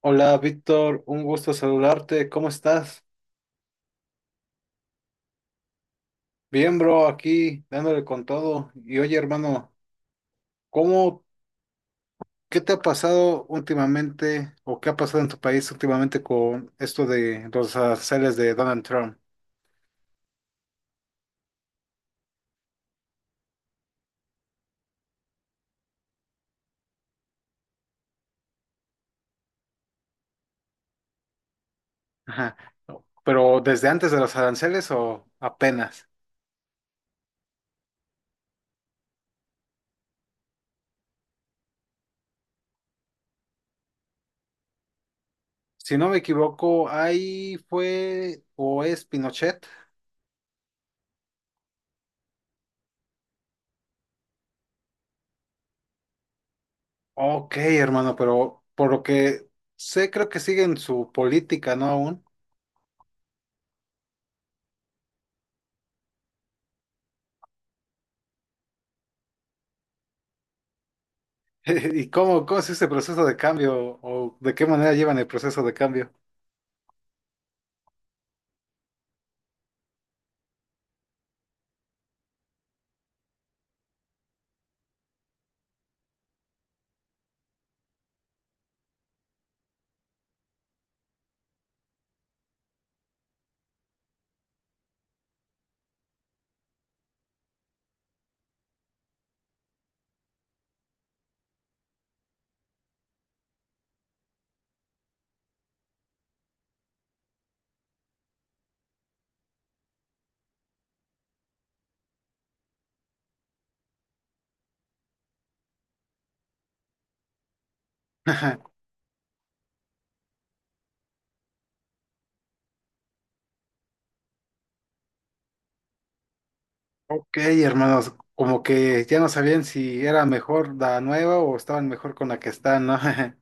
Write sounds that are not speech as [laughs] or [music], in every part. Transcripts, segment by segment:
Hola Víctor, un gusto saludarte, ¿cómo estás? Bien, bro, aquí dándole con todo. Y oye, hermano, ¿cómo, ¿qué te ha pasado últimamente o qué ha pasado en tu país últimamente con esto de los aranceles de Donald Trump? Ajá. ¿Pero desde antes de los aranceles o apenas? Si no me equivoco, ahí fue o es Pinochet. Ok, hermano, pero por lo que sé, creo que sigue en su política, ¿no? Aún. [laughs] ¿Y cómo es ese proceso de cambio o de qué manera llevan el proceso de cambio? [laughs] Ok, hermanos, como que ya no sabían si era mejor la nueva o estaban mejor con la que están, ¿no? [laughs]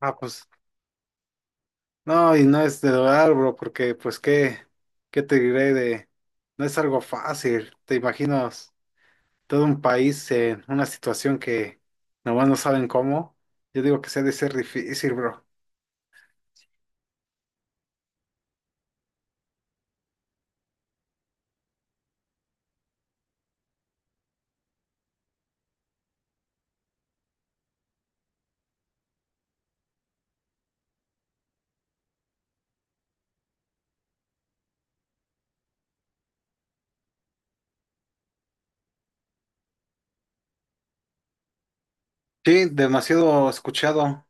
Ah, pues no, y no es de dudar, bro, porque pues qué, qué te diré de, no es algo fácil, te imaginas todo un país en una situación que nomás no saben cómo, yo digo que se ha de ser difícil, bro. Sí, demasiado escuchado.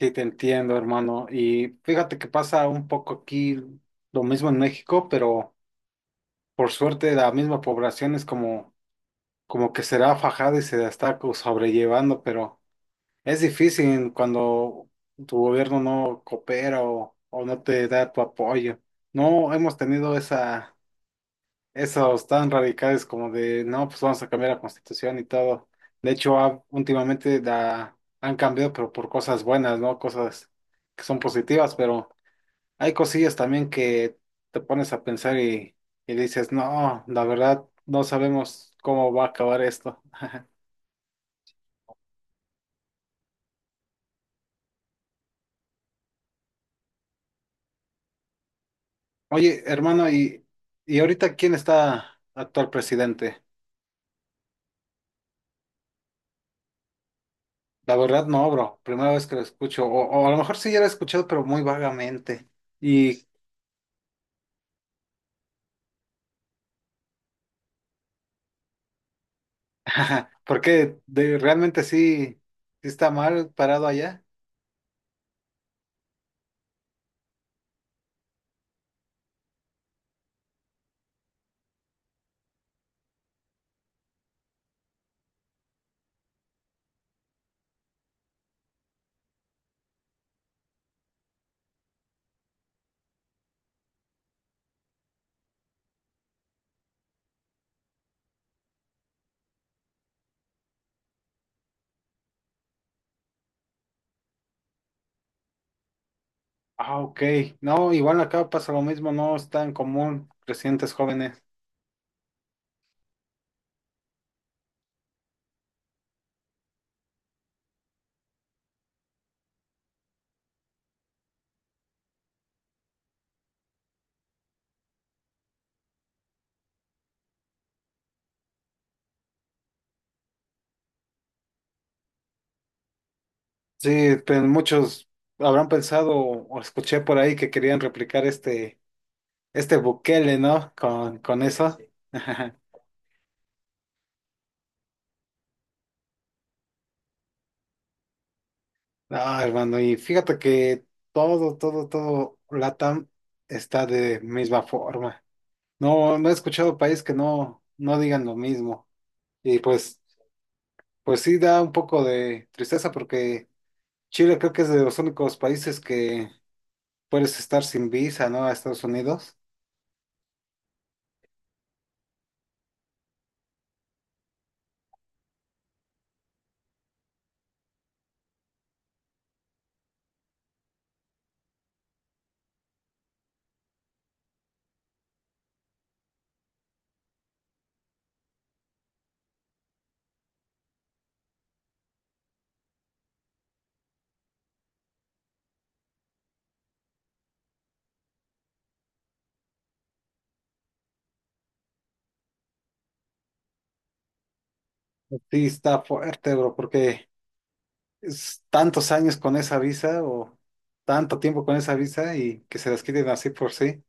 Sí, te entiendo, hermano. Y fíjate que pasa un poco aquí lo mismo en México, pero por suerte la misma población es como, como que será fajada y se la está sobrellevando, pero es difícil cuando tu gobierno no coopera o no te da tu apoyo. No hemos tenido esos tan radicales como de, no, pues vamos a cambiar la constitución y todo. De hecho, últimamente la han cambiado, pero por cosas buenas, ¿no? Cosas que son positivas, pero... Hay cosillas también que te pones a pensar y dices, no, la verdad, no sabemos cómo va a acabar esto. [laughs] Oye, hermano, ¿y ahorita quién está actual presidente? La verdad, no, bro. Primera vez que lo escucho. O a lo mejor sí ya lo he escuchado, pero muy vagamente. Y [laughs] porque de, realmente sí, sí está mal parado allá. Ah, ok. No, igual acá pasa lo mismo, no es tan común presidentes jóvenes. Sí, pero muchos habrán pensado o escuché por ahí que querían replicar este Bukele, ¿no? Con eso. [laughs] No, hermano, y fíjate que todo, todo, todo LATAM está de misma forma. No, no he escuchado país que no digan lo mismo. Y pues, pues sí da un poco de tristeza porque Chile creo que es de los únicos países que puedes estar sin visa, ¿no? A Estados Unidos. Sí, está fuerte, bro, porque es tantos años con esa visa o tanto tiempo con esa visa y que se las quiten así por sí.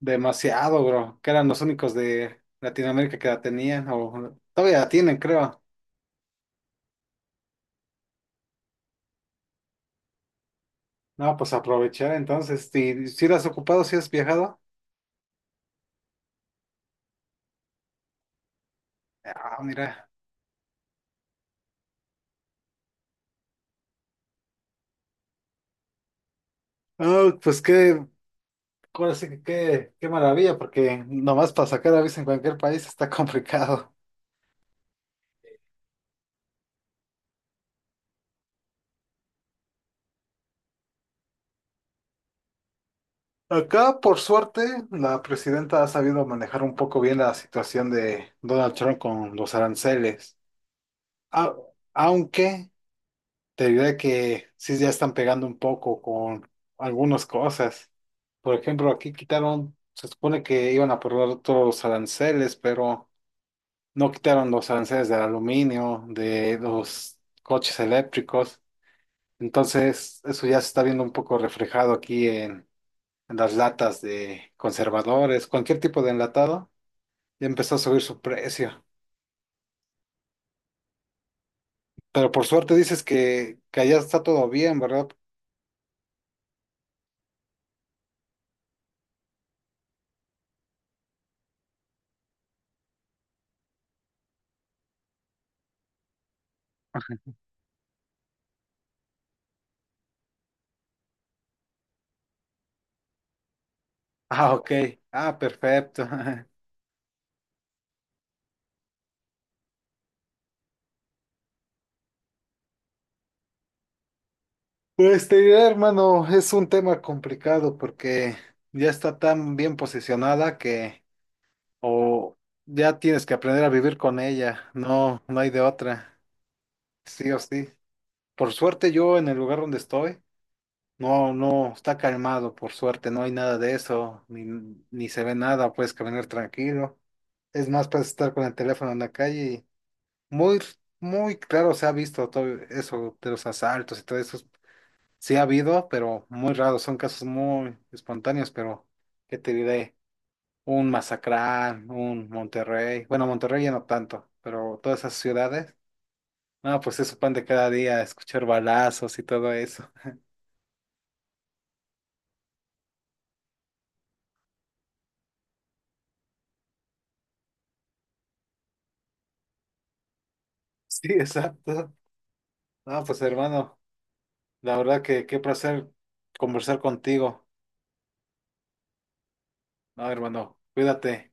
Demasiado, bro. Que eran los únicos de Latinoamérica que la tenían o todavía la tienen, creo. No, pues aprovechar entonces. Si la has ocupado, si has viajado. Ah, mira. Ah, ahora sí que qué maravilla, porque nomás para sacar la visa en cualquier país está [laughs] complicado. Acá, por suerte, la presidenta ha sabido manejar un poco bien la situación de Donald Trump con los aranceles. A- Aunque te diré que sí ya están pegando un poco con algunas cosas. Por ejemplo, aquí quitaron, se supone que iban a probar todos los aranceles, pero no quitaron los aranceles del aluminio, de los coches eléctricos. Entonces, eso ya se está viendo un poco reflejado aquí las latas de conservadores, cualquier tipo de enlatado, ya empezó a subir su precio. Pero por suerte dices que allá está todo bien, ¿verdad? Ah, ok. Ah, perfecto. [laughs] Pues te diré, hermano, es un tema complicado porque ya está tan bien posicionada que o ya tienes que aprender a vivir con ella. No, no hay de otra. Sí o sí. Por suerte yo en el lugar donde estoy. No, no, está calmado, por suerte, no hay nada de eso, ni, ni se ve nada, puedes caminar tranquilo. Es más, puedes estar con el teléfono en la calle y muy, muy claro se ha visto todo eso de los asaltos y todo eso. Sí ha habido, pero muy raro, son casos muy espontáneos, pero ¿qué te diré? Un Mazatlán, un Monterrey, bueno, Monterrey ya no tanto, pero todas esas ciudades, ah, pues es su pan de cada día, escuchar balazos y todo eso. [laughs] Sí, exacto. Ah, pues hermano. La verdad que qué placer conversar contigo. No, hermano, cuídate.